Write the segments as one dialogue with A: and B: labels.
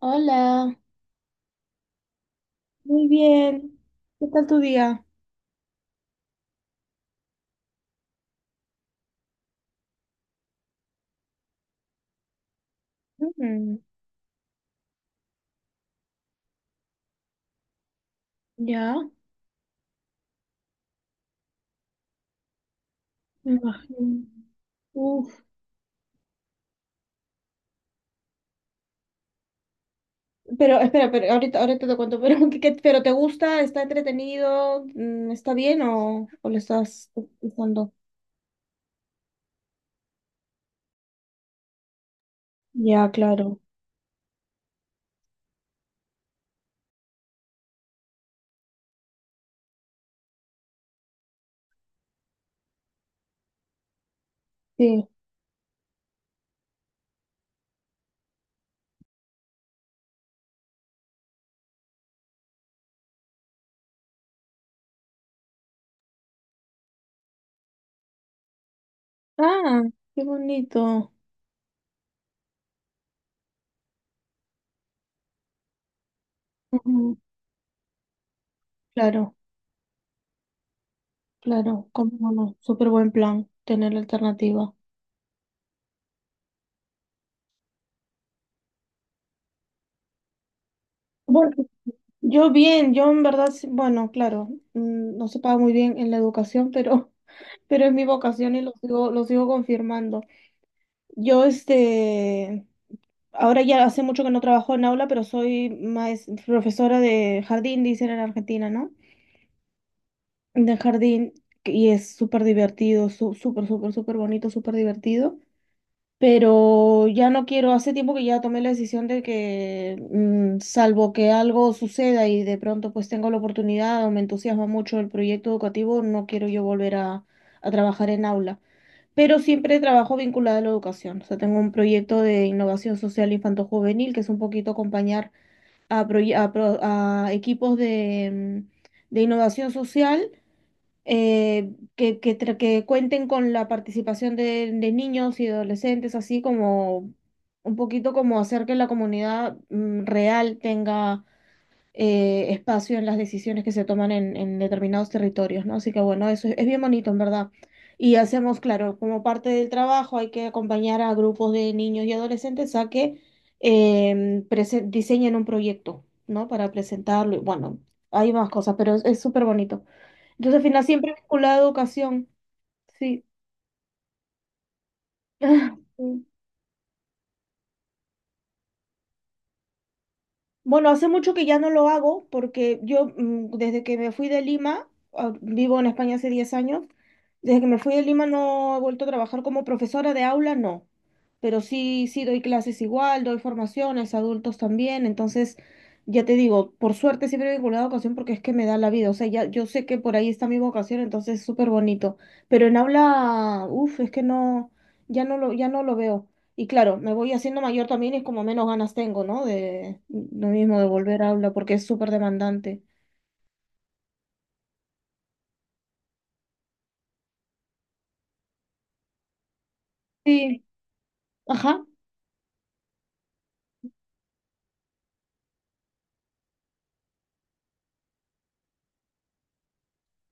A: Hola. Muy bien. ¿Qué tal tu día? Mm, ya. Me imagino. Uf. Pero espera, pero ahorita, ahorita te cuento, ¿te gusta? ¿Está entretenido? ¿Está bien o le estás usando? Ya, claro. Sí. Ah, qué bonito. Ujú, claro, claro, cómo no. Súper buen plan tener la alternativa. Bueno, yo bien, yo en verdad, bueno, claro, no se paga muy bien en la educación, pero es mi vocación y lo sigo confirmando. Yo, este, ahora ya hace mucho que no trabajo en aula, pero soy profesora de jardín, dicen en Argentina, ¿no? De jardín, y es súper divertido, súper, súper, súper bonito, súper divertido. Pero ya no quiero, hace tiempo que ya tomé la decisión de que, salvo que algo suceda y de pronto pues tengo la oportunidad o me entusiasma mucho el proyecto educativo, no quiero yo volver a trabajar en aula, pero siempre trabajo vinculada a la educación. O sea, tengo un proyecto de innovación social infanto-juvenil que es un poquito acompañar a, proye- a pro- a equipos de innovación social que cuenten con la participación de, niños y adolescentes, así como un poquito como hacer que la comunidad real tenga espacio en las decisiones que se toman en determinados territorios, ¿no? Así que bueno, eso es bien bonito, en verdad. Y hacemos, claro, como parte del trabajo hay que acompañar a grupos de niños y adolescentes a que diseñen un proyecto, ¿no? Para presentarlo. Y bueno, hay más cosas, pero es súper bonito. Entonces, al final, siempre vinculado a educación, sí. Bueno, hace mucho que ya no lo hago porque yo desde que me fui de Lima, vivo en España hace 10 años. Desde que me fui de Lima no he vuelto a trabajar como profesora de aula, no, pero sí, sí doy clases igual, doy formaciones, adultos también. Entonces ya te digo, por suerte siempre he vinculado a educación porque es que me da la vida. O sea, ya yo sé que por ahí está mi vocación, entonces es súper bonito, pero en aula, uff, es que no, ya no lo veo. Y claro, me voy haciendo mayor también y es como menos ganas tengo, ¿no? De lo mismo, de volver a hablar porque es súper demandante. Sí, ajá.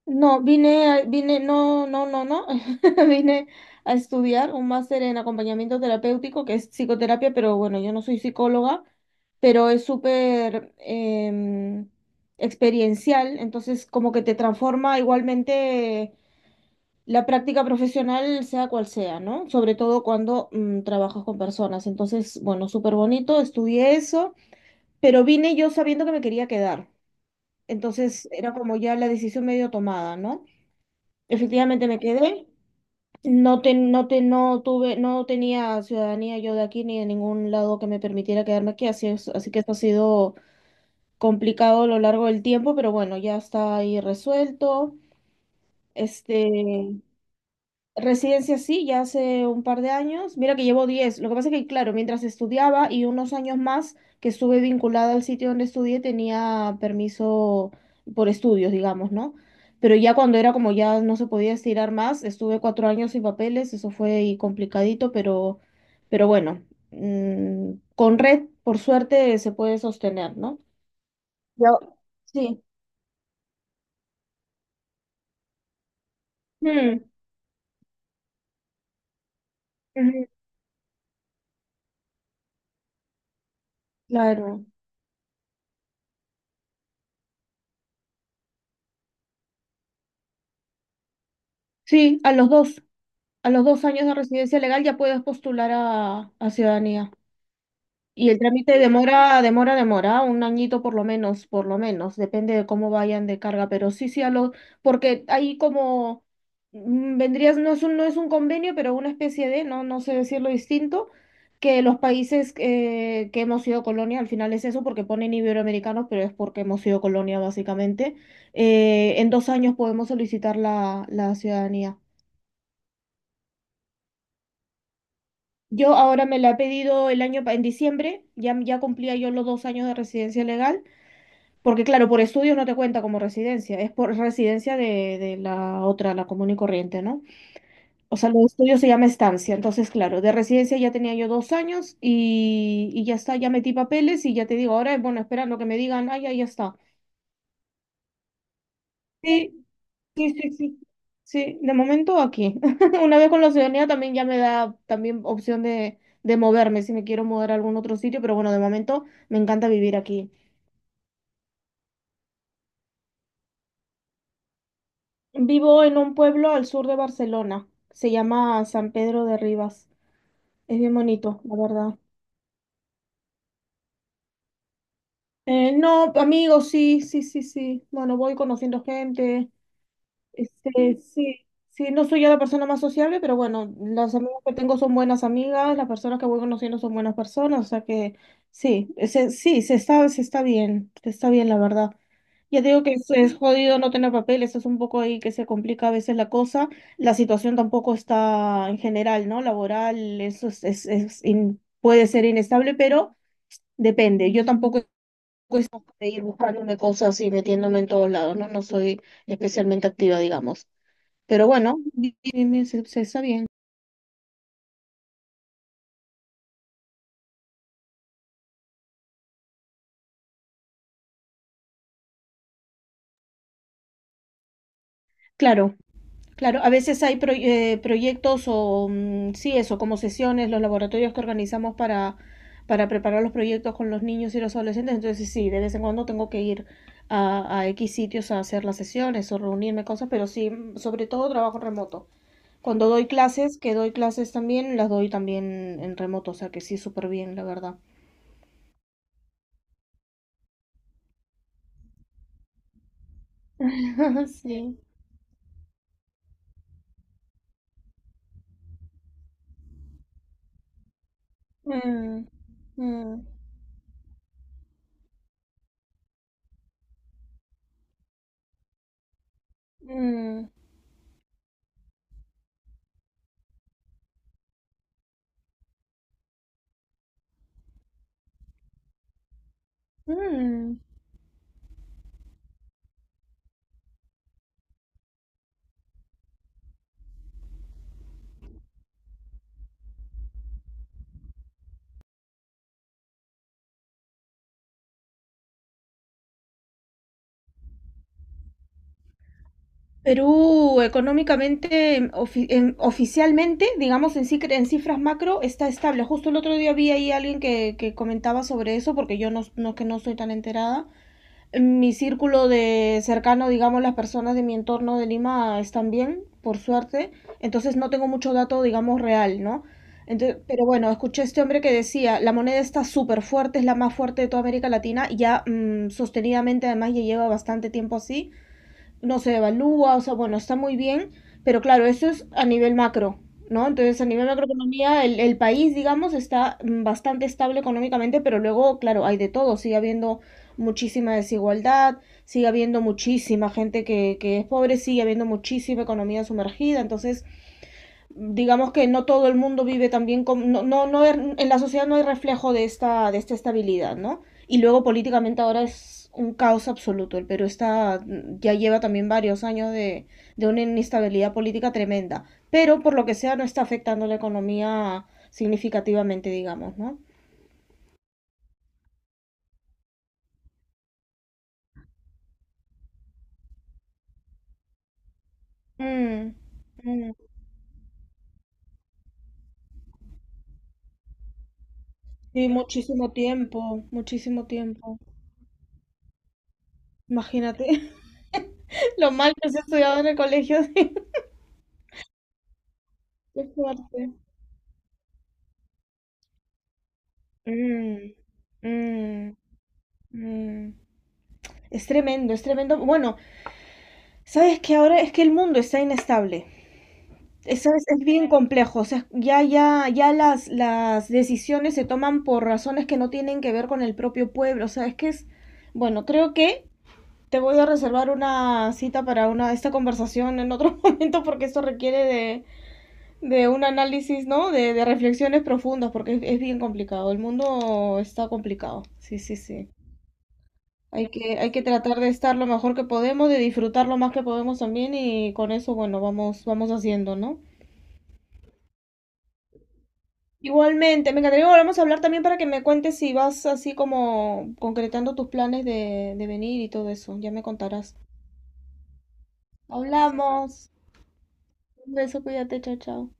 A: No, vine, vine, no, no, no, no. Vine A estudiar un máster en acompañamiento terapéutico, que es psicoterapia, pero bueno, yo no soy psicóloga, pero es súper experiencial, entonces como que te transforma igualmente. La práctica profesional, sea cual sea, ¿no? Sobre todo cuando trabajas con personas. Entonces, bueno, súper bonito, estudié eso, pero vine yo sabiendo que me quería quedar. Entonces, era como ya la decisión medio tomada, ¿no? Efectivamente me quedé. No te, no te, no tuve, no tenía ciudadanía yo de aquí ni de ningún lado que me permitiera quedarme aquí, así es, así que esto ha sido complicado a lo largo del tiempo, pero bueno, ya está ahí resuelto. Este, residencia sí, ya hace un par de años. Mira que llevo 10. Lo que pasa es que, claro, mientras estudiaba y unos años más que estuve vinculada al sitio donde estudié, tenía permiso por estudios, digamos, ¿no? Pero ya cuando era como ya no se podía estirar más, estuve 4 años sin papeles, eso fue ahí complicadito, pero bueno, con red, por suerte, se puede sostener, ¿no? Yo, sí. Mm, ujú, claro. Sí, a los dos. A los 2 años de residencia legal ya puedes postular a ciudadanía. Y el trámite demora, demora, demora, un añito por lo menos, depende de cómo vayan de carga, pero sí, sí, a lo, porque ahí como vendrías, no es un convenio, pero una especie de, no, no sé decirlo distinto, que los países que hemos sido colonia, al final es eso, porque ponen iberoamericanos, pero es porque hemos sido colonia básicamente. En 2 años podemos solicitar la, la ciudadanía. Yo ahora me la he pedido el año, en diciembre. Ya cumplía yo los 2 años de residencia legal, porque claro, por estudios no te cuenta como residencia, es por residencia de la otra, la común y corriente, ¿no? O sea, los estudios se llama estancia, entonces claro, de residencia ya tenía yo 2 años y ya está, ya metí papeles y ya te digo, ahora, bueno, esperando que me digan, ah, ya, ya está. sí Sí, sí, sí. Sí, de momento aquí. Una vez con la ciudadanía también ya me da también opción de moverme si me quiero mover a algún otro sitio, pero bueno, de momento me encanta vivir aquí. Vivo en un pueblo al sur de Barcelona. Se llama San Pedro de Ribas. Es bien bonito, la verdad. No, amigos, sí, sí, sí, sí. Bueno, voy conociendo gente. Este, sí, sí, no soy yo la persona más sociable, pero bueno, las amigas que tengo son buenas amigas, las personas que voy conociendo son buenas personas, o sea que sí, sí, se está bien la verdad. Ya te digo que es jodido no tener papeles, es un poco ahí que se complica a veces la cosa. La situación tampoco está en general, ¿no? Laboral, eso es puede ser inestable, pero depende. Yo tampoco de ir buscándome cosas y metiéndome en todos lados, ¿no? No soy especialmente activa, digamos. Pero bueno, se está bien. Claro, claro. A veces hay proyectos o, sí, eso, como sesiones, los laboratorios que organizamos para preparar los proyectos con los niños y los adolescentes. Entonces, sí, de vez en cuando tengo que ir a X sitios a hacer las sesiones o reunirme cosas, pero sí, sobre todo trabajo remoto. Cuando doy clases, que doy clases también, las doy también en remoto, o sea que sí, súper bien, la verdad. Sí. Mm, mm, mm, mm. Perú económicamente, oficialmente, digamos en, en cifras macro, está estable. Justo el otro día vi ahí alguien que comentaba sobre eso, porque yo no, que no soy tan enterada. En mi círculo de cercano, digamos, las personas de mi entorno de Lima están bien, por suerte. Entonces no tengo mucho dato, digamos, real, ¿no? Entonces, pero bueno, escuché a este hombre que decía, la moneda está súper fuerte, es la más fuerte de toda América Latina, y ya sostenidamente además ya lleva bastante tiempo así no se devalúa, o sea, bueno, está muy bien, pero claro, eso es a nivel macro, ¿no? Entonces, a nivel macroeconomía, el país, digamos, está bastante estable económicamente, pero luego, claro, hay de todo, sigue habiendo muchísima desigualdad, sigue habiendo muchísima gente que es pobre, sigue habiendo muchísima economía sumergida, entonces digamos que no todo el mundo vive también con, no, no, no, en la sociedad no hay reflejo de esta estabilidad, ¿no? Y luego políticamente ahora es un caos absoluto. El Perú está, ya lleva también varios años de, una inestabilidad política tremenda. Pero por lo que sea no está afectando la economía significativamente, digamos, ¿no? Mm, mm. Sí, muchísimo tiempo, muchísimo tiempo. Imagínate lo mal que se ha estudiado en el colegio. Qué fuerte. Mm, mm. Mm, es tremendo, es tremendo. Bueno, sabes que ahora es que el mundo está inestable. Es, sabes, es bien complejo. O sea, ya, ya, ya las decisiones se toman por razones que no tienen que ver con el propio pueblo. O sea, es que es. Bueno, creo que te voy a reservar una cita para una, esta conversación en otro momento, porque esto requiere de, un análisis, ¿no? De, reflexiones profundas, porque es bien complicado. El mundo está complicado. Sí, sí, sí. Hay que tratar de estar lo mejor que podemos, de disfrutar lo más que podemos también y con eso, bueno, vamos, vamos haciendo, ¿no? Igualmente, me encantaría volvamos a hablar también para que me cuentes si vas así como concretando tus planes de, venir y todo eso. Ya me contarás. Hablamos. Un beso, cuídate, chao, chao.